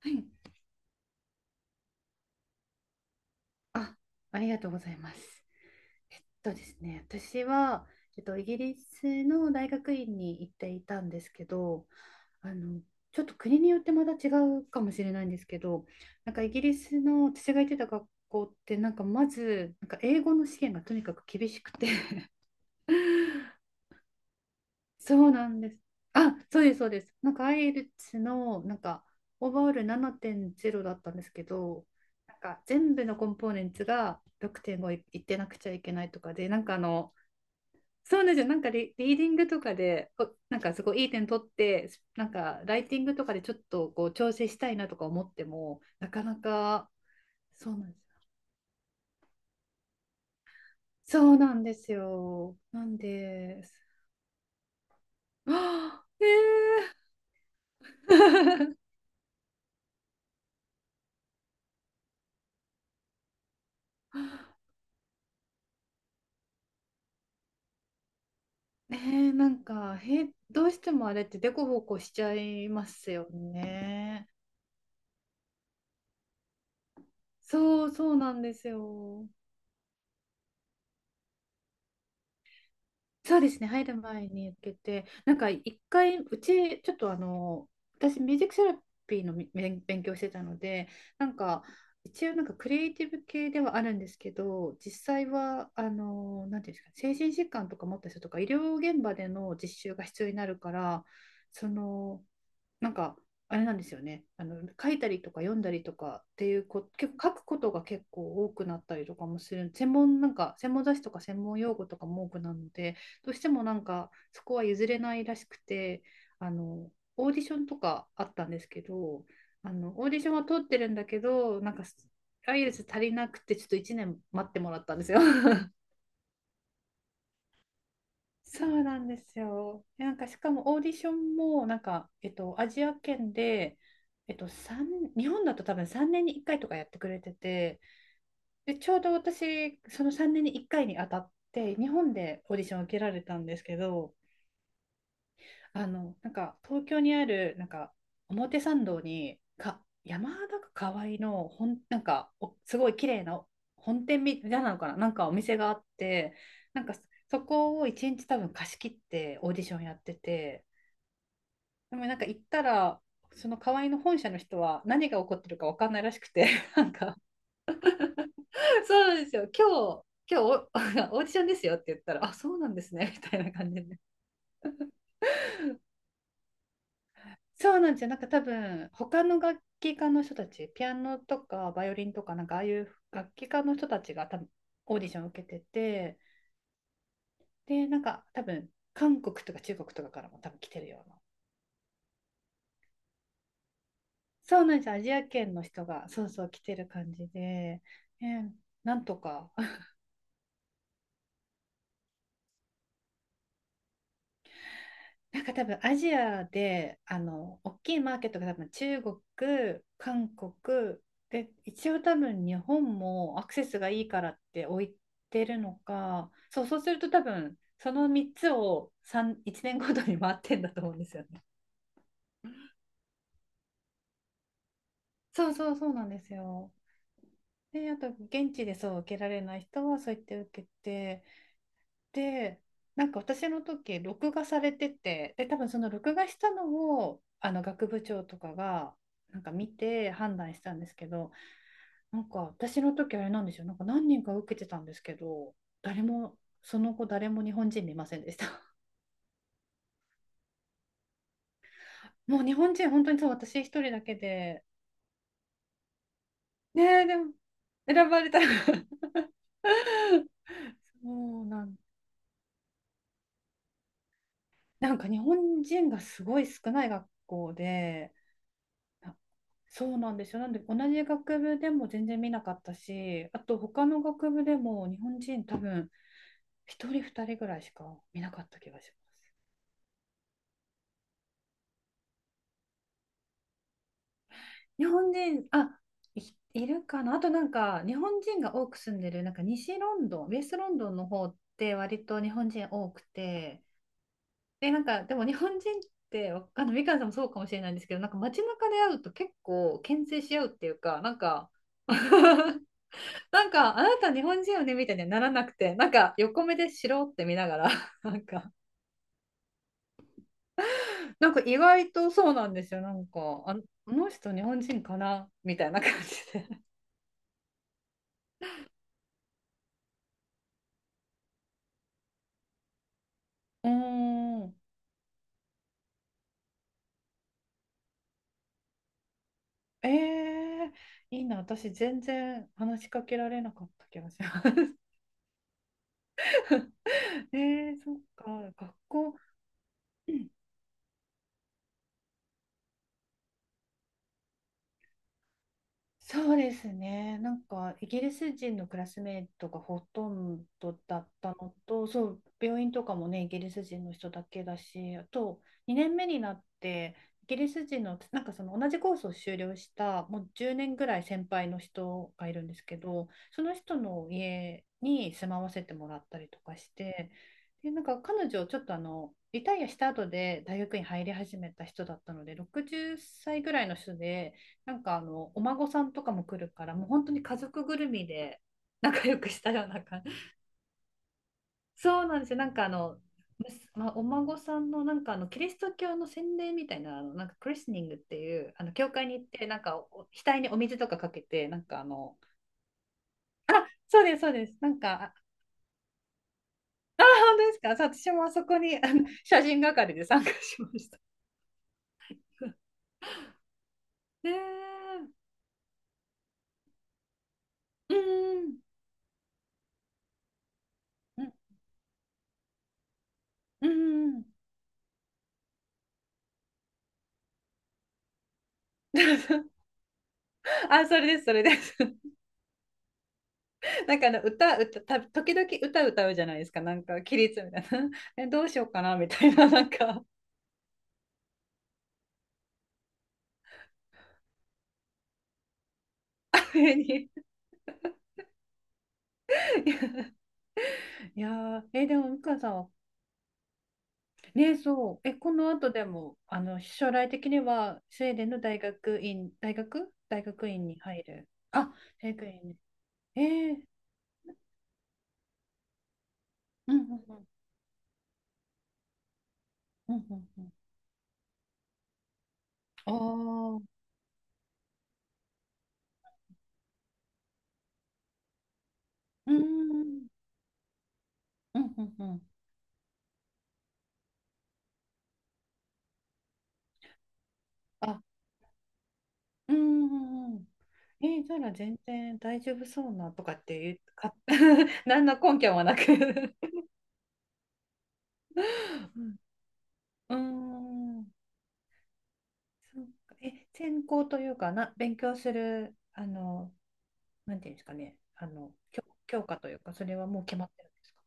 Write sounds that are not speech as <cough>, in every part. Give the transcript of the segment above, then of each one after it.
はい。あ、ありがとうございます。えっとですね、私は、イギリスの大学院に行っていたんですけど、あの、ちょっと国によってまた違うかもしれないんですけど、なんかイギリスの私が行ってた学校って、なんかまず、なんか英語の試験がとにかく厳しくて <laughs> そうなんです。あ、そうです、そうです。なんか i イ l t のなんかオーバーオール7.0だったんですけど、なんか全部のコンポーネンツが6.5いいってなくちゃいけないとかで、なんかそうなんですよ。なんかリーディングとかで、なんかすごいいい点取って、なんかライティングとかでちょっとこう調整したいなとか思っても、なかなか、そうなんですよ。そうなんですよ。なんです。はあーえー <laughs> ねえ、なんか、どうしてもあれってデコボコしちゃいますよね。そう、そうなんですよ。そうですね、入る前に行けて、なんか一回、ちょっと私、ミュージックセラピーのみ勉強してたので、なんか、一応なんかクリエイティブ系ではあるんですけど、実際は、なんていうんですか、精神疾患とか持った人とか、医療現場での実習が必要になるから、その、なんかあれなんですよね書いたりとか読んだりとかっていう結構書くことが結構多くなったりとかもする専門なんか専門雑誌とか専門用語とかも多くなるのでどうしてもなんかそこは譲れないらしくてあのオーディションとかあったんですけどオーディションは通ってるんだけどなんかアイ l ルツ足りなくてちょっと1年待ってもらったんですよ。<laughs> そうなんですよ。なんかしかもオーディションもなんか、アジア圏で、えっと、三日本だと多分3年に1回とかやってくれててでちょうど私その3年に1回に当たって日本でオーディションを受けられたんですけどなんか東京にある、なんか表参道に、山田か河合のなんかすごい綺麗な本店みたいなのかな、なんかお店があって、なんかそこを一日多分貸し切ってオーディションやってて、でもなんか行ったら、その河合の本社の人は何が起こってるか分かんないらしくて、<laughs> なんか、そうなんですよ、今日<laughs> オーディションですよって言ったら、あ、そうなんですね、みたいな感じで。そうなんですよ。なんか多分他の楽器家の人たち、ピアノとかバイオリンとかなんかああいう楽器家の人たちが多分オーディションを受けてて、で、なんか多分韓国とか中国とかからも多分来てるような。そうなんですよ。アジア圏の人がそうそう来てる感じで、ねなんとかなんか多分アジアで大きいマーケットが多分中国、韓国で一応多分日本もアクセスがいいからって置いてるのかそう、そうすると多分その3つを3、1年ごとに回ってんだと思うんですよね。そうそうそうなんですよ。で、あと現地でそう受けられない人はそう言って受けてで、なんか私の時、録画されてて、で、多分その録画したのを、学部長とかが、なんか見て判断したんですけど、なんか私の時あれなんですよ、なんか何人か受けてたんですけど、その後誰も日本人見ませんでした。<laughs> もう日本人、本当にそう、私一人だけで、ねえ、でも、選ばれたら <laughs> そうなん、なんか日本人がすごい少ない学校で、やそうなんですよ。なんで同じ学部でも全然見なかったし、あと他の学部でも日本人多分一人二人ぐらいしか見なかった気がします。日本人、い、いるかな。あとなんか、日本人が多く住んでる、なんか西ロンドン、ウェストロンドンの方って割と日本人多くて、で、なんか、でも日本人って、みかんさんもそうかもしれないんですけど、なんか街中で会うと結構牽制し合うっていうか、なんか <laughs> なんか、あなた日本人よねみたいにはならなくて、なんか横目でしろって見ながら、<laughs> なんか、なんか意外とそうなんですよ。なんか、あ、この人日本人かなみたいな感じで。<laughs> うーん。えー、いいな。私全然話しかけられなかった気がします。<laughs> えー、そっか。学校。そうですね。なんか、イギリス人のクラスメイトがほとんどだったのと、そう、病院とかもね、イギリス人の人だけだし、あと、2年目になって、イギリス人の、なんかその同じコースを修了した、もう10年ぐらい先輩の人がいるんですけど、その人の家に住まわせてもらったりとかして、で、なんか彼女、ちょっとリタイアした後で大学に入り始めた人だったので、60歳ぐらいの人で、なんかお孫さんとかも来るから、もう本当に家族ぐるみで仲良くしたような感じ。そうなんですよ。なんかまあ、お孫さんのなんかキリスト教の洗礼みたいななんかクリスニングっていう教会に行ってなんかお額にお水とかかけてなんかそうですそうですなんか本当ですかそう私もあそこに写真係で参加しました <laughs> ねえうんうんうんうん <laughs> それですそれですなんか歌た時々歌うじゃないですかなんか起立みたいな <laughs> どうしようかなみたいな <laughs> なんかあれに <laughs> いやーえでも美香さんはねそうこの後でも将来的にはスウェーデンの大学院に入る大学院にえー、うんうんうんうんうんうんああーうんうんうんうんうんあうんうんうんえー、じゃあ全然大丈夫そうなとかって言うか <laughs> 何の根拠もなく <laughs> うん、うーんそっか専攻というかな、勉強する、なんていうんですかね、教科というか、それはもう決まってるんですか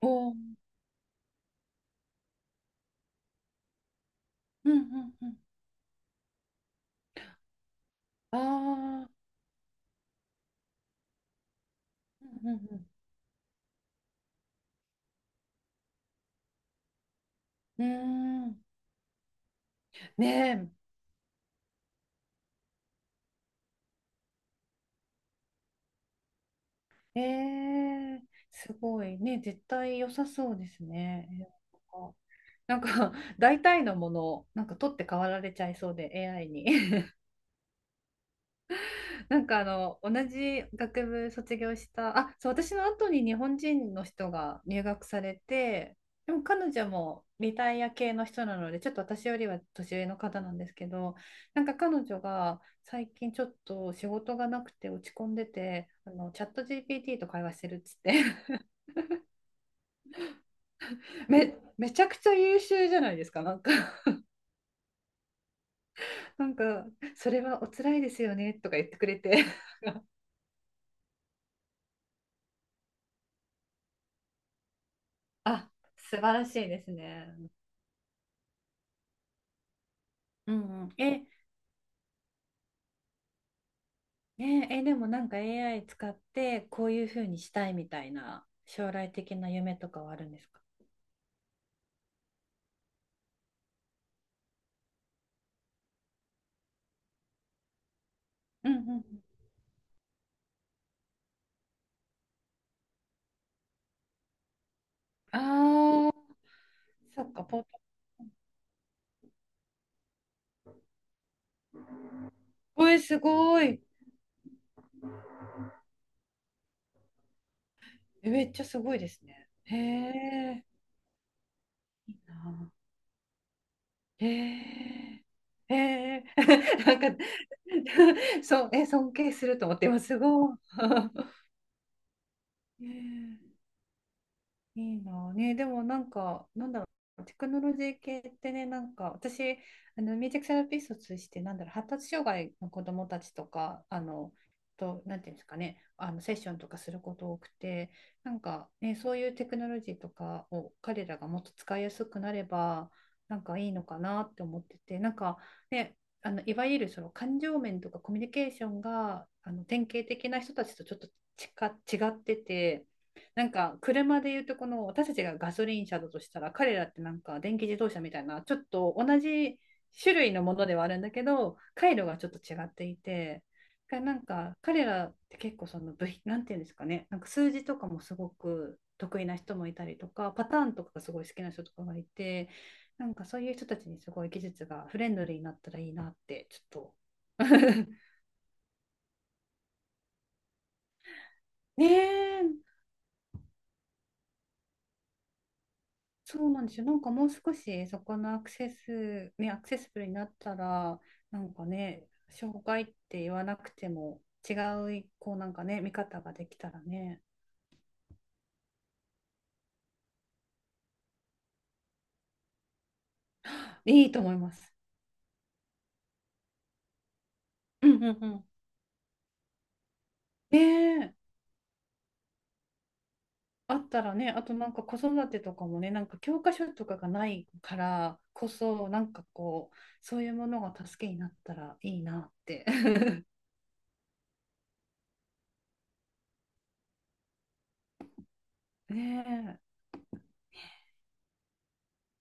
おーうんうんうん。ああ、うんうんうん。うーん。ねえ、えー、すごいね、絶対良さそうですね。えー <laughs> なんか大体のものをなんか取って代わられちゃいそうで AI に <laughs> なんか同じ学部卒業したそう私の後に日本人の人が入学されてでも彼女もリタイア系の人なのでちょっと私よりは年上の方なんですけどなんか彼女が最近ちょっと仕事がなくて落ち込んでてチャット GPT と会話してるっつって <laughs> めちゃくちゃ優秀じゃないですかなんか <laughs> なんかそれはお辛いですよねとか言ってくれてあ、素晴らしいですね。うんうん、え、ねえ、え、でもなんか AI 使ってこういうふうにしたいみたいな将来的な夢とかはあるんですかうんうんうん。ああ、そっか、ポート。おい、すごい。めっちゃすごいですね。へえ。あーへえ。へえ。<laughs> なんか、<laughs> そう、尊敬すると思って、今すごい。<laughs> へえいいなあね、でもなんか、なんだろう、テクノロジー系ってね、なんか、私、ミュージックセラピストとして、なんだろう、発達障害の子どもたちとか、なんていうんですかね、セッションとかすること多くて、なんか、ね、そういうテクノロジーとかを彼らがもっと使いやすくなれば、なんかいいのかなって思ってて、なんか、ね、いわゆるその感情面とかコミュニケーションが典型的な人たちとちょっとちか違ってて。なんか車で言うとこの私たちがガソリン車だとしたら彼らってなんか電気自動車みたいなちょっと同じ種類のものではあるんだけど回路がちょっと違っていてだからなんか彼らって結構その部品なんていうんですかねなんか数字とかもすごく得意な人もいたりとかパターンとかがすごい好きな人とかがいてなんかそういう人たちにすごい技術がフレンドリーになったらいいなってちょっと <laughs> ねえそうなんですよ。なんかもう少しそこのアクセス、ね、アクセスブルになったら、なんかね、障害って言わなくても違う、こうなんかね、見方ができたらね、いいと思います。うんうんうん。ねえ、あったらね、あとなんか子育てとかもね、なんか教科書とかがないからこそ、なんかこう、そういうものが助けになったらいいなって。<laughs> ねえ。